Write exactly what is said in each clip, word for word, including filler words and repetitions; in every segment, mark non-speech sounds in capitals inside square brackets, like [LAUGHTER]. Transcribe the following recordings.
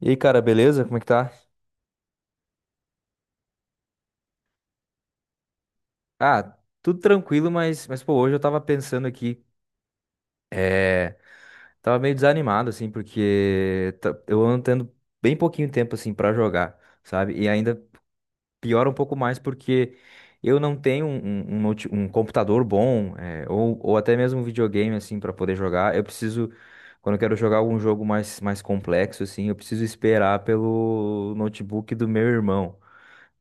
E aí, cara, beleza? Como é que tá? Ah, tudo tranquilo, mas, mas pô, hoje eu tava pensando aqui, tava meio desanimado, assim, porque tá- eu ando tendo bem pouquinho tempo, assim, pra jogar, sabe? E ainda piora um pouco mais porque eu não tenho um, um- um note- um computador bom, é, ou, ou até mesmo um videogame, assim, pra poder jogar. Eu preciso, quando eu quero jogar algum jogo mais, mais complexo, assim, eu preciso esperar pelo notebook do meu irmão.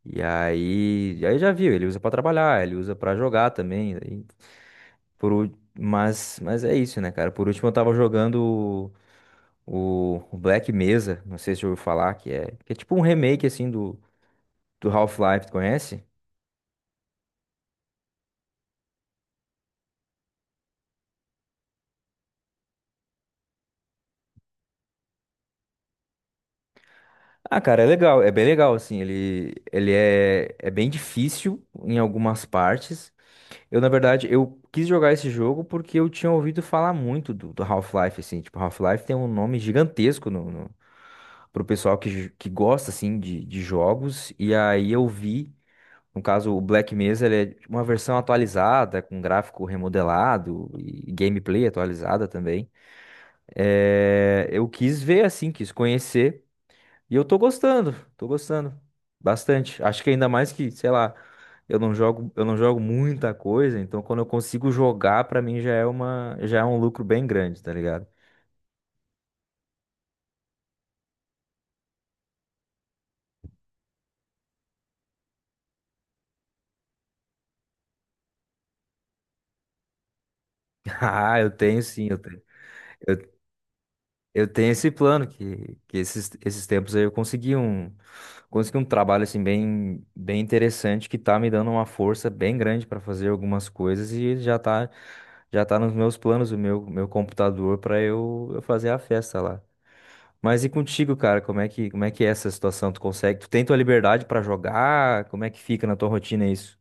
E aí, aí já viu, ele usa pra trabalhar, ele usa pra jogar também. aí por, ú- mas, mas é isso, né, cara? Por último, eu tava jogando o, o Black Mesa, não sei se você ouviu falar, que é, que é tipo um remake, assim, do, do Half-Life, tu conhece? Ah, cara, é legal, é bem legal, assim, ele, ele é, é bem difícil em algumas partes. Eu, na verdade, eu quis jogar esse jogo porque eu tinha ouvido falar muito do, do Half-Life, assim, tipo, Half-Life tem um nome gigantesco no, no- pro pessoal que, j- que gosta, assim, de, de jogos. E aí eu vi, no caso, o Black Mesa, ele é uma versão atualizada, com gráfico remodelado e gameplay atualizada também. É, eu quis ver, assim, quis conhecer. E eu tô gostando, tô gostando bastante. Acho que ainda mais que, sei lá, eu não jogo, eu não jogo muita coisa, então quando eu consigo jogar, pra mim já é uma, já é um lucro bem grande, tá ligado? [LAUGHS] Ah, eu tenho sim, eu tenho. Eu tenho esse plano que, que esses, esses tempos aí eu consegui um, consegui um trabalho assim bem, bem interessante que tá me dando uma força bem grande para fazer algumas coisas e já tá, já tá nos meus planos o meu, meu computador para eu, eu fazer a festa lá. Mas e contigo, cara, como é que, como é que é essa situação? Tu consegue? Tu tem tua liberdade para jogar? Como é que fica na tua rotina isso?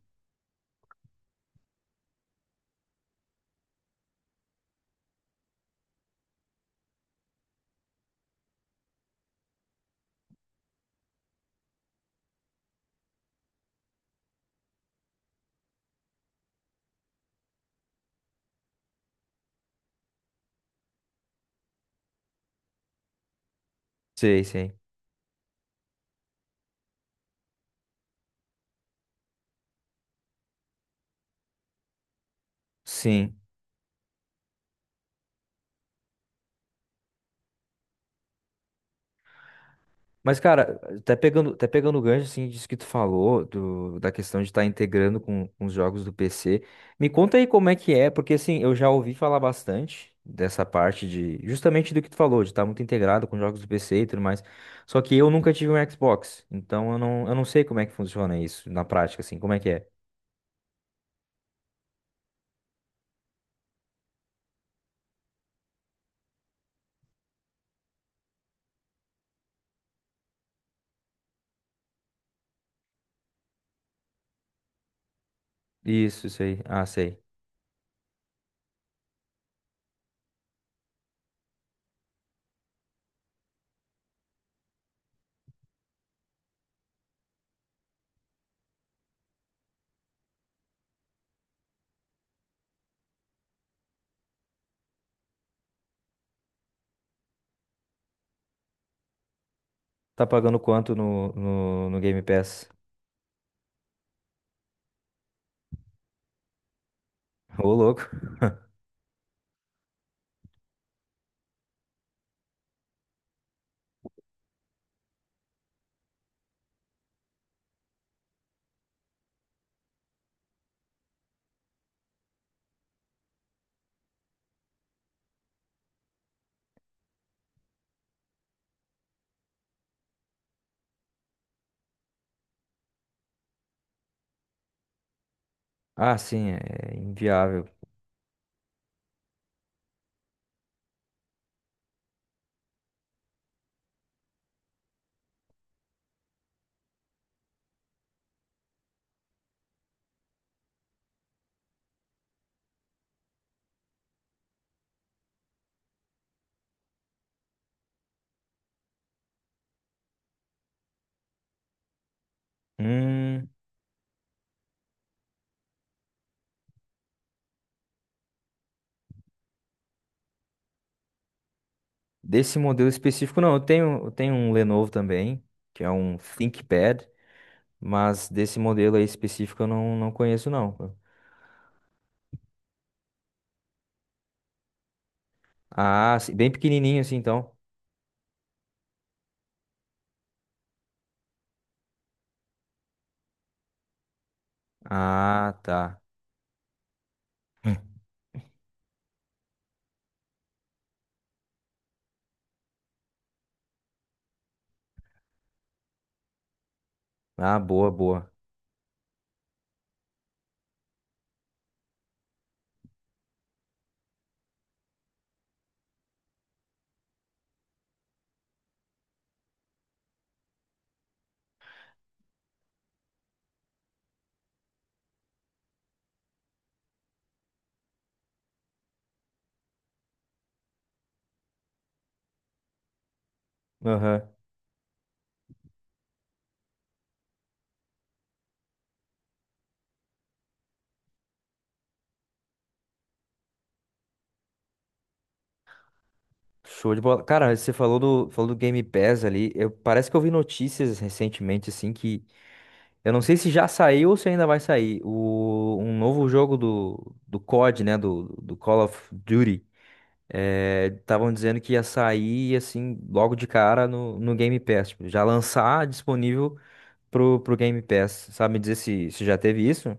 Sei, sei. Sim. Mas, cara, até pegando, até pegando o gancho, assim, disso que tu falou, do, da questão de estar integrando com, com os jogos do P C, me conta aí como é que é, porque, assim, eu já ouvi falar bastante dessa parte de, justamente do que tu falou, de estar muito integrado com jogos do P C e tudo mais, só que eu nunca tive um Xbox, então eu não, eu não sei como é que funciona isso na prática, assim, como é que é? Isso, isso aí, ah, sei. Tá pagando quanto no, no, no Game Pass? [LAUGHS] Ô, louco. Ah, sim, é inviável. Hum. Desse modelo específico, não. Eu tenho, eu tenho um Lenovo também, que é um ThinkPad, mas desse modelo aí específico eu não, não conheço, não. Ah, sim, bem pequenininho assim, então. Ah, tá. Ah, boa, boa. Aham. Show de bola. Cara, você falou do, falou do Game Pass ali. Eu, parece que eu vi notícias recentemente, assim, que eu não sei se já saiu ou se ainda vai sair. O, um novo jogo do, do C O D, né? Do, do Call of Duty. Estavam dizendo que ia sair, assim, logo de cara no, no Game Pass. Tipo, já lançar disponível pro, pro Game Pass. Sabe me dizer se, se já teve isso?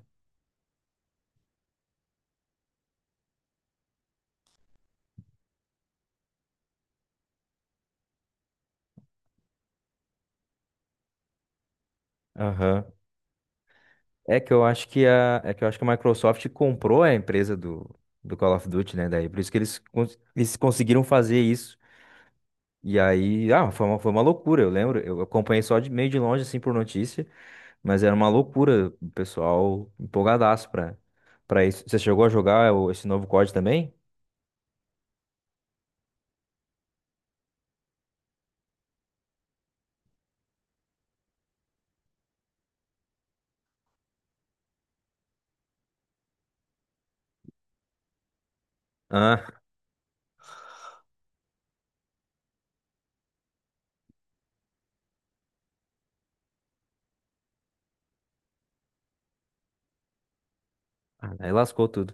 Aham. É que eu acho que a, é que eu acho que a Microsoft comprou a empresa do, do Call of Duty, né? Daí, por isso que eles, cons- eles conseguiram fazer isso. E aí, ah, foi uma, foi uma loucura, eu lembro. Eu acompanhei só de meio de longe, assim, por notícia, mas era uma loucura. O pessoal empolgadaço pra, pra isso. Você chegou a jogar o- esse novo C O D também? Ah, aí lascou tudo.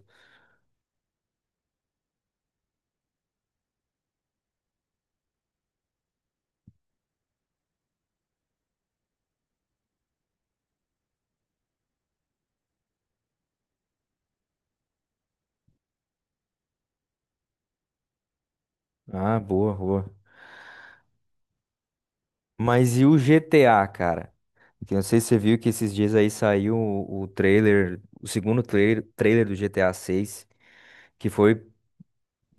Ah, boa, boa. Mas e o G T A, cara? Que eu não sei se você viu que esses dias aí saiu o, o trailer, o segundo trailer, trailer do G T A seis, que foi,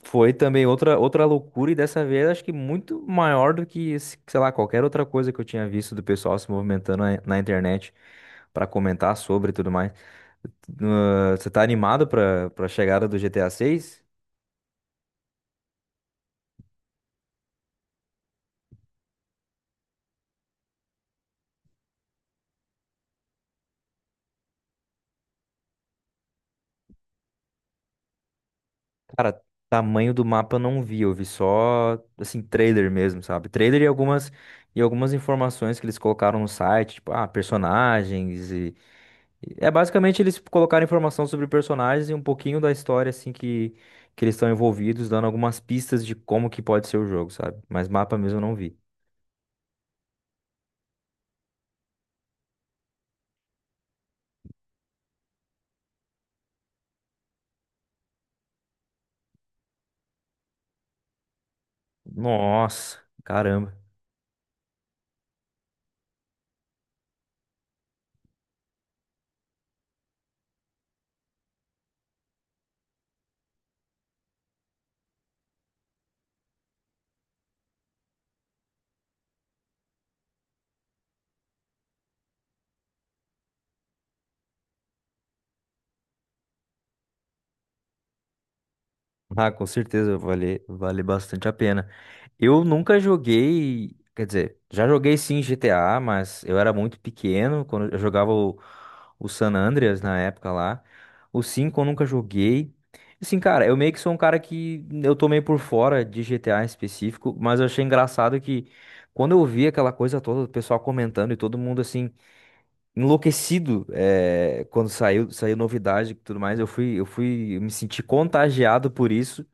foi também outra, outra loucura e dessa vez acho que muito maior do que, se- sei lá, qualquer outra coisa que eu tinha visto do pessoal se movimentando na, na internet pra comentar sobre e tudo mais. Ah, você tá animado pra, pra chegada do G T A seis? Cara, tamanho do mapa eu não vi, eu vi só, assim, trailer mesmo, sabe? Trailer e algumas, e algumas informações que eles colocaram no site, tipo, ah, personagens e... e é basicamente eles colocaram informação sobre personagens e um pouquinho da história, assim, que, que eles estão envolvidos, dando algumas pistas de como que pode ser o jogo, sabe? Mas mapa mesmo eu não vi. Nossa, caramba. Ah, com certeza, vale, vale bastante a pena. Eu nunca joguei, quer dizer, já joguei sim G T A, mas eu era muito pequeno quando eu jogava o, o San Andreas na época lá. O cinco eu nunca joguei. Assim, cara, eu meio que sou um cara que eu tô meio por fora de G T A em específico, mas eu achei engraçado que quando eu vi aquela coisa toda, o pessoal comentando e todo mundo assim, enlouquecido, eh, quando saiu, saiu novidade e tudo mais, eu fui, eu fui, eu me senti contagiado por isso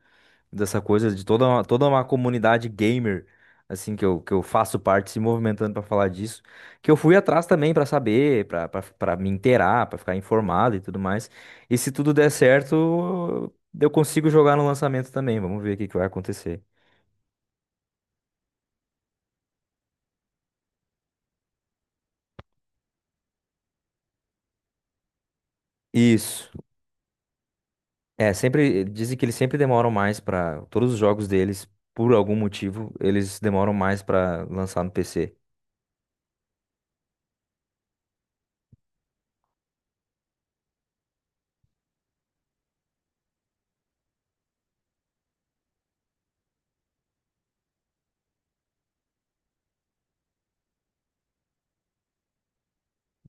dessa coisa de toda uma, toda uma comunidade gamer, assim, que eu, que eu faço parte, se movimentando pra falar disso, que eu fui atrás também pra saber, pra pra- pra me inteirar, pra ficar informado e tudo mais. E se tudo der certo, eu consigo jogar no lançamento também. Vamos ver o que que vai acontecer. Isso. É, sempre dizem que eles sempre demoram mais pra. Todos os jogos deles, por algum motivo, eles demoram mais pra lançar no P C.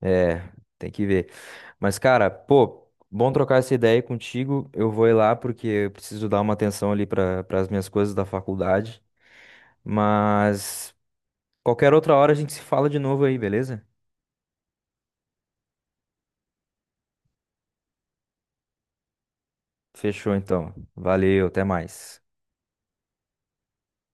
É, tem que ver. Mas, cara, pô, bom trocar essa ideia aí contigo. Eu vou ir lá porque eu preciso dar uma atenção ali para as minhas coisas da faculdade. Mas qualquer outra hora a gente se fala de novo aí, beleza? Fechou então. Valeu, até mais.